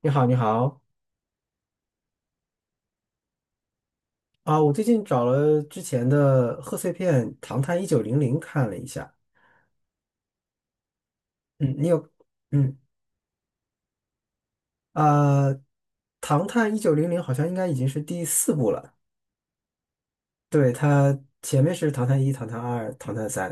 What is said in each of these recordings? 你好，你好。啊！我最近找了之前的贺岁片《唐探一九零零》看了一下。嗯，你有，嗯啊，唐探一九零零》好像应该已经是第四部了。对，它前面是《唐探一》《唐探二》《唐探三》。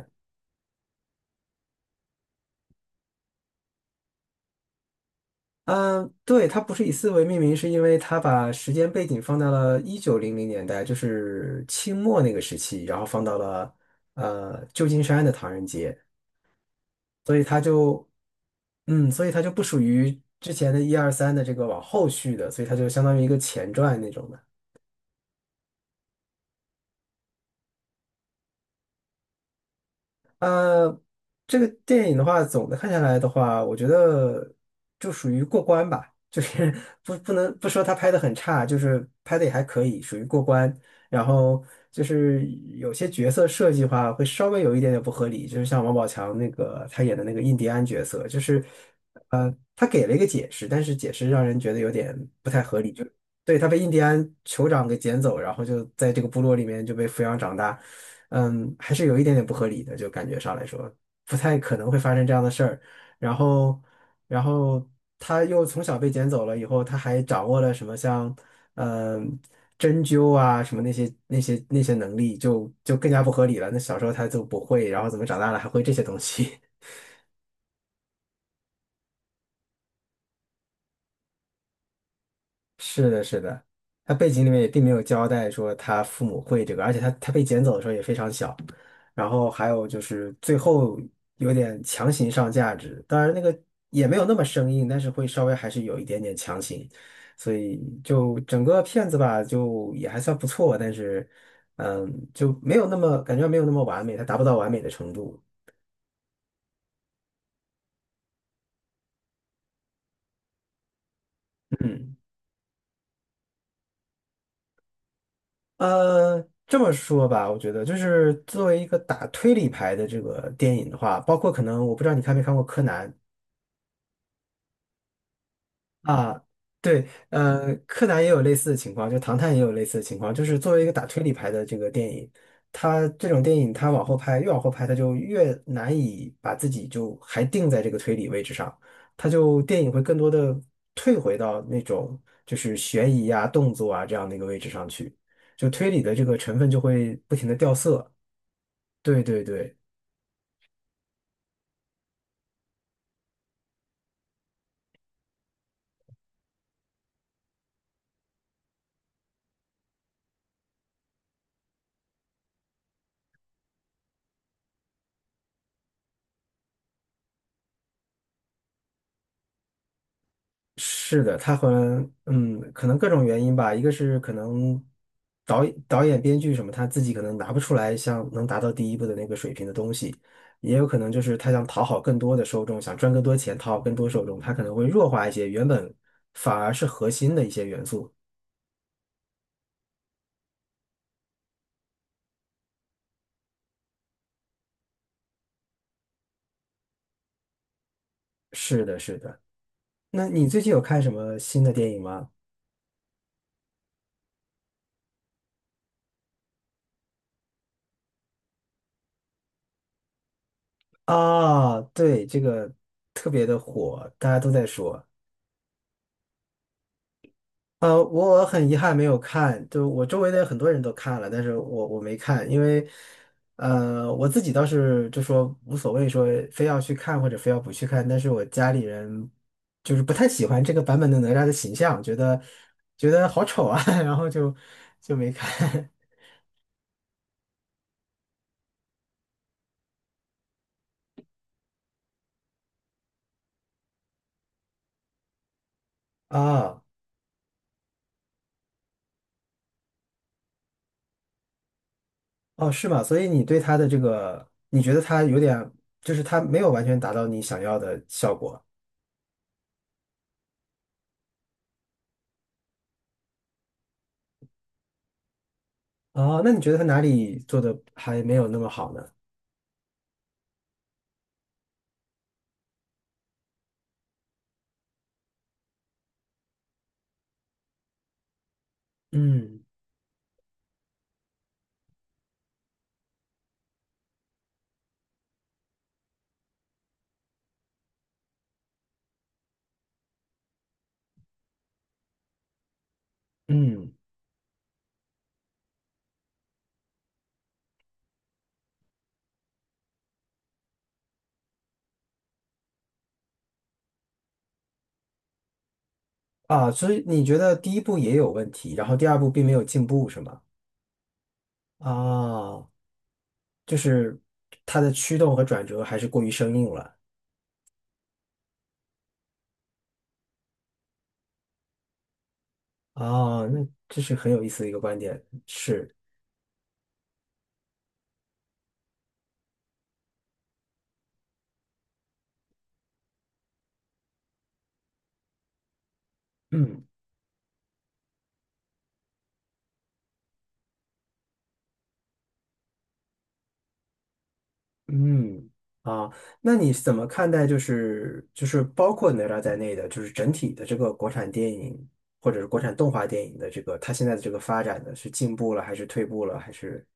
嗯，对，它不是以四为命名，是因为它把时间背景放到了一九零零年代，就是清末那个时期，然后放到了旧金山的唐人街。所以它就所以它就不属于之前的一二三的这个往后续的，所以它就相当于一个前传那种的。呃，这个电影的话，总的看下来的话，我觉得就属于过关吧，就是 不能不说他拍的很差，就是拍的也还可以，属于过关。然后就是有些角色设计的话，会稍微有一点点不合理，就是像王宝强那个他演的那个印第安角色，就是他给了一个解释，但是解释让人觉得有点不太合理，就对他被印第安酋长给捡走，然后就在这个部落里面就被抚养长大。嗯，还是有一点点不合理的，就感觉上来说，不太可能会发生这样的事儿。然后，然后他又从小被捡走了以后，他还掌握了什么像，嗯、针灸啊什么那些能力就，就更加不合理了。那小时候他就不会，然后怎么长大了还会这些东西？是的，是的，他背景里面也并没有交代说他父母会这个，而且他被捡走的时候也非常小，然后还有就是最后有点强行上价值，当然那个也没有那么生硬，但是会稍微还是有一点点强行，所以就整个片子吧，就也还算不错，但是就没有那么感觉没有那么完美，它达不到完美的程度。嗯。呃，这么说吧，我觉得就是作为一个打推理牌的这个电影的话，包括可能我不知道你看没看过柯南啊，对。柯南也有类似的情况，就唐探也有类似的情况，就是作为一个打推理牌的这个电影，它这种电影它往后拍，越往后拍，它就越难以把自己就还定在这个推理位置上，它就电影会更多的退回到那种就是悬疑啊、动作啊这样的一个位置上去，就推理的这个成分就会不停的掉色。对对对，是的。他和嗯，可能各种原因吧，一个是可能导演、编剧什么，他自己可能拿不出来像能达到第一部的那个水平的东西，也有可能就是他想讨好更多的受众，想赚更多钱，讨好更多受众，他可能会弱化一些原本反而是核心的一些元素。是的，是的。那你最近有看什么新的电影吗？啊，对，这个特别的火，大家都在说。我很遗憾没有看，就我周围的很多人都看了，但是我没看，因为，我自己倒是就说无所谓，说非要去看或者非要不去看，但是我家里人就是不太喜欢这个版本的哪吒的形象，觉得觉得好丑啊，然后就没看 啊，哦，是吗？所以你对他的这个，你觉得他有点，就是他没有完全达到你想要的效果。哦，那你觉得他哪里做的还没有那么好呢？嗯嗯。啊，所以你觉得第一步也有问题，然后第二步并没有进步，是吗？啊，就是它的驱动和转折还是过于生硬了。啊，那这是很有意思的一个观点，是。嗯嗯。啊，那你怎么看待就是就是包括哪吒在内的，就是整体的这个国产电影或者是国产动画电影的这个它现在的这个发展呢，是进步了还是退步了还是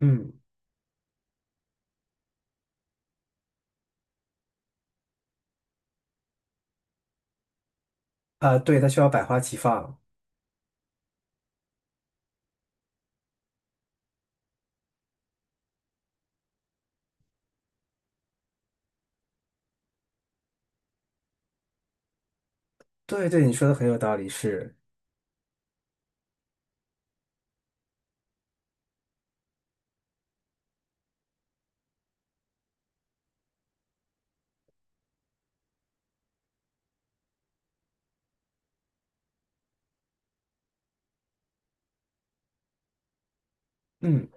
嗯啊，对，它需要百花齐放。对对，你说的很有道理，是。嗯。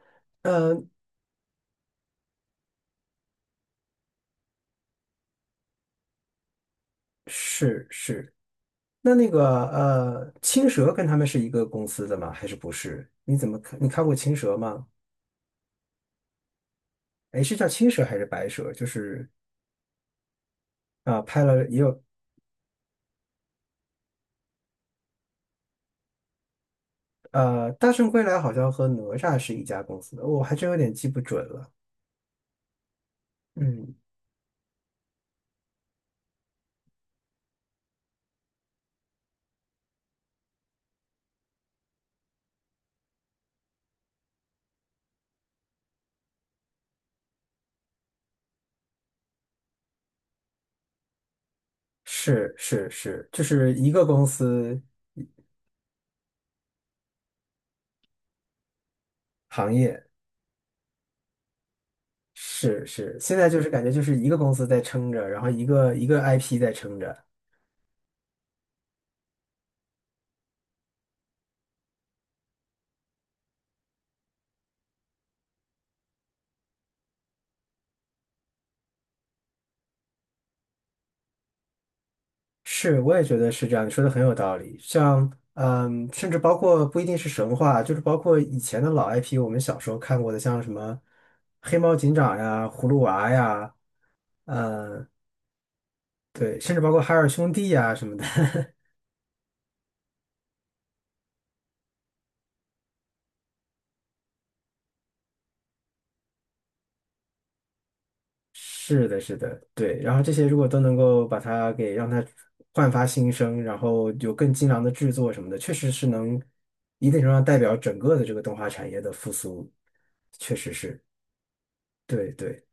呃，是是。那个青蛇跟他们是一个公司的吗？还是不是？你怎么看？你看过青蛇吗？哎，是叫青蛇还是白蛇？就是拍了也有。《大圣归来》好像和哪吒是一家公司的，我还真有点记不准了。嗯，是是是，就是一个公司行业。是是，现在就是感觉就是一个公司在撑着，然后一个一个 IP 在撑着。是，我也觉得是这样，你说的很有道理。像，嗯，甚至包括不一定是神话，就是包括以前的老 IP，我们小时候看过的，像什么黑猫警长呀、葫芦娃呀，嗯，对，甚至包括海尔兄弟呀什么的。是的，是的，对。然后这些如果都能够把它给让它焕发新生，然后有更精良的制作什么的，确实是能一定程度上代表整个的这个动画产业的复苏，确实是，对对。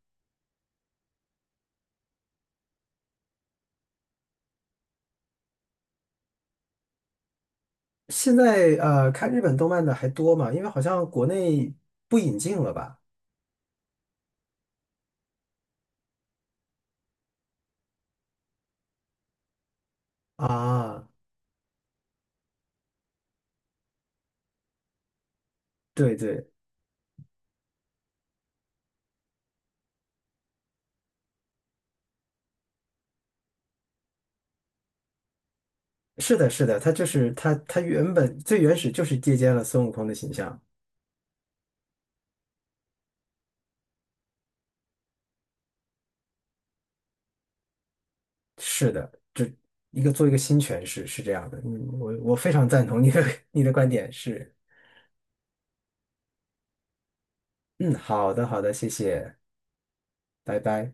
现在看日本动漫的还多嘛？因为好像国内不引进了吧？啊，对对，是的，是的，他就是他，他原本最原始就是借鉴了孙悟空的形象。是的，这一个做一个新诠释是这样的。嗯，我非常赞同你的 你的观点，是。嗯，好的，好的，谢谢，拜拜。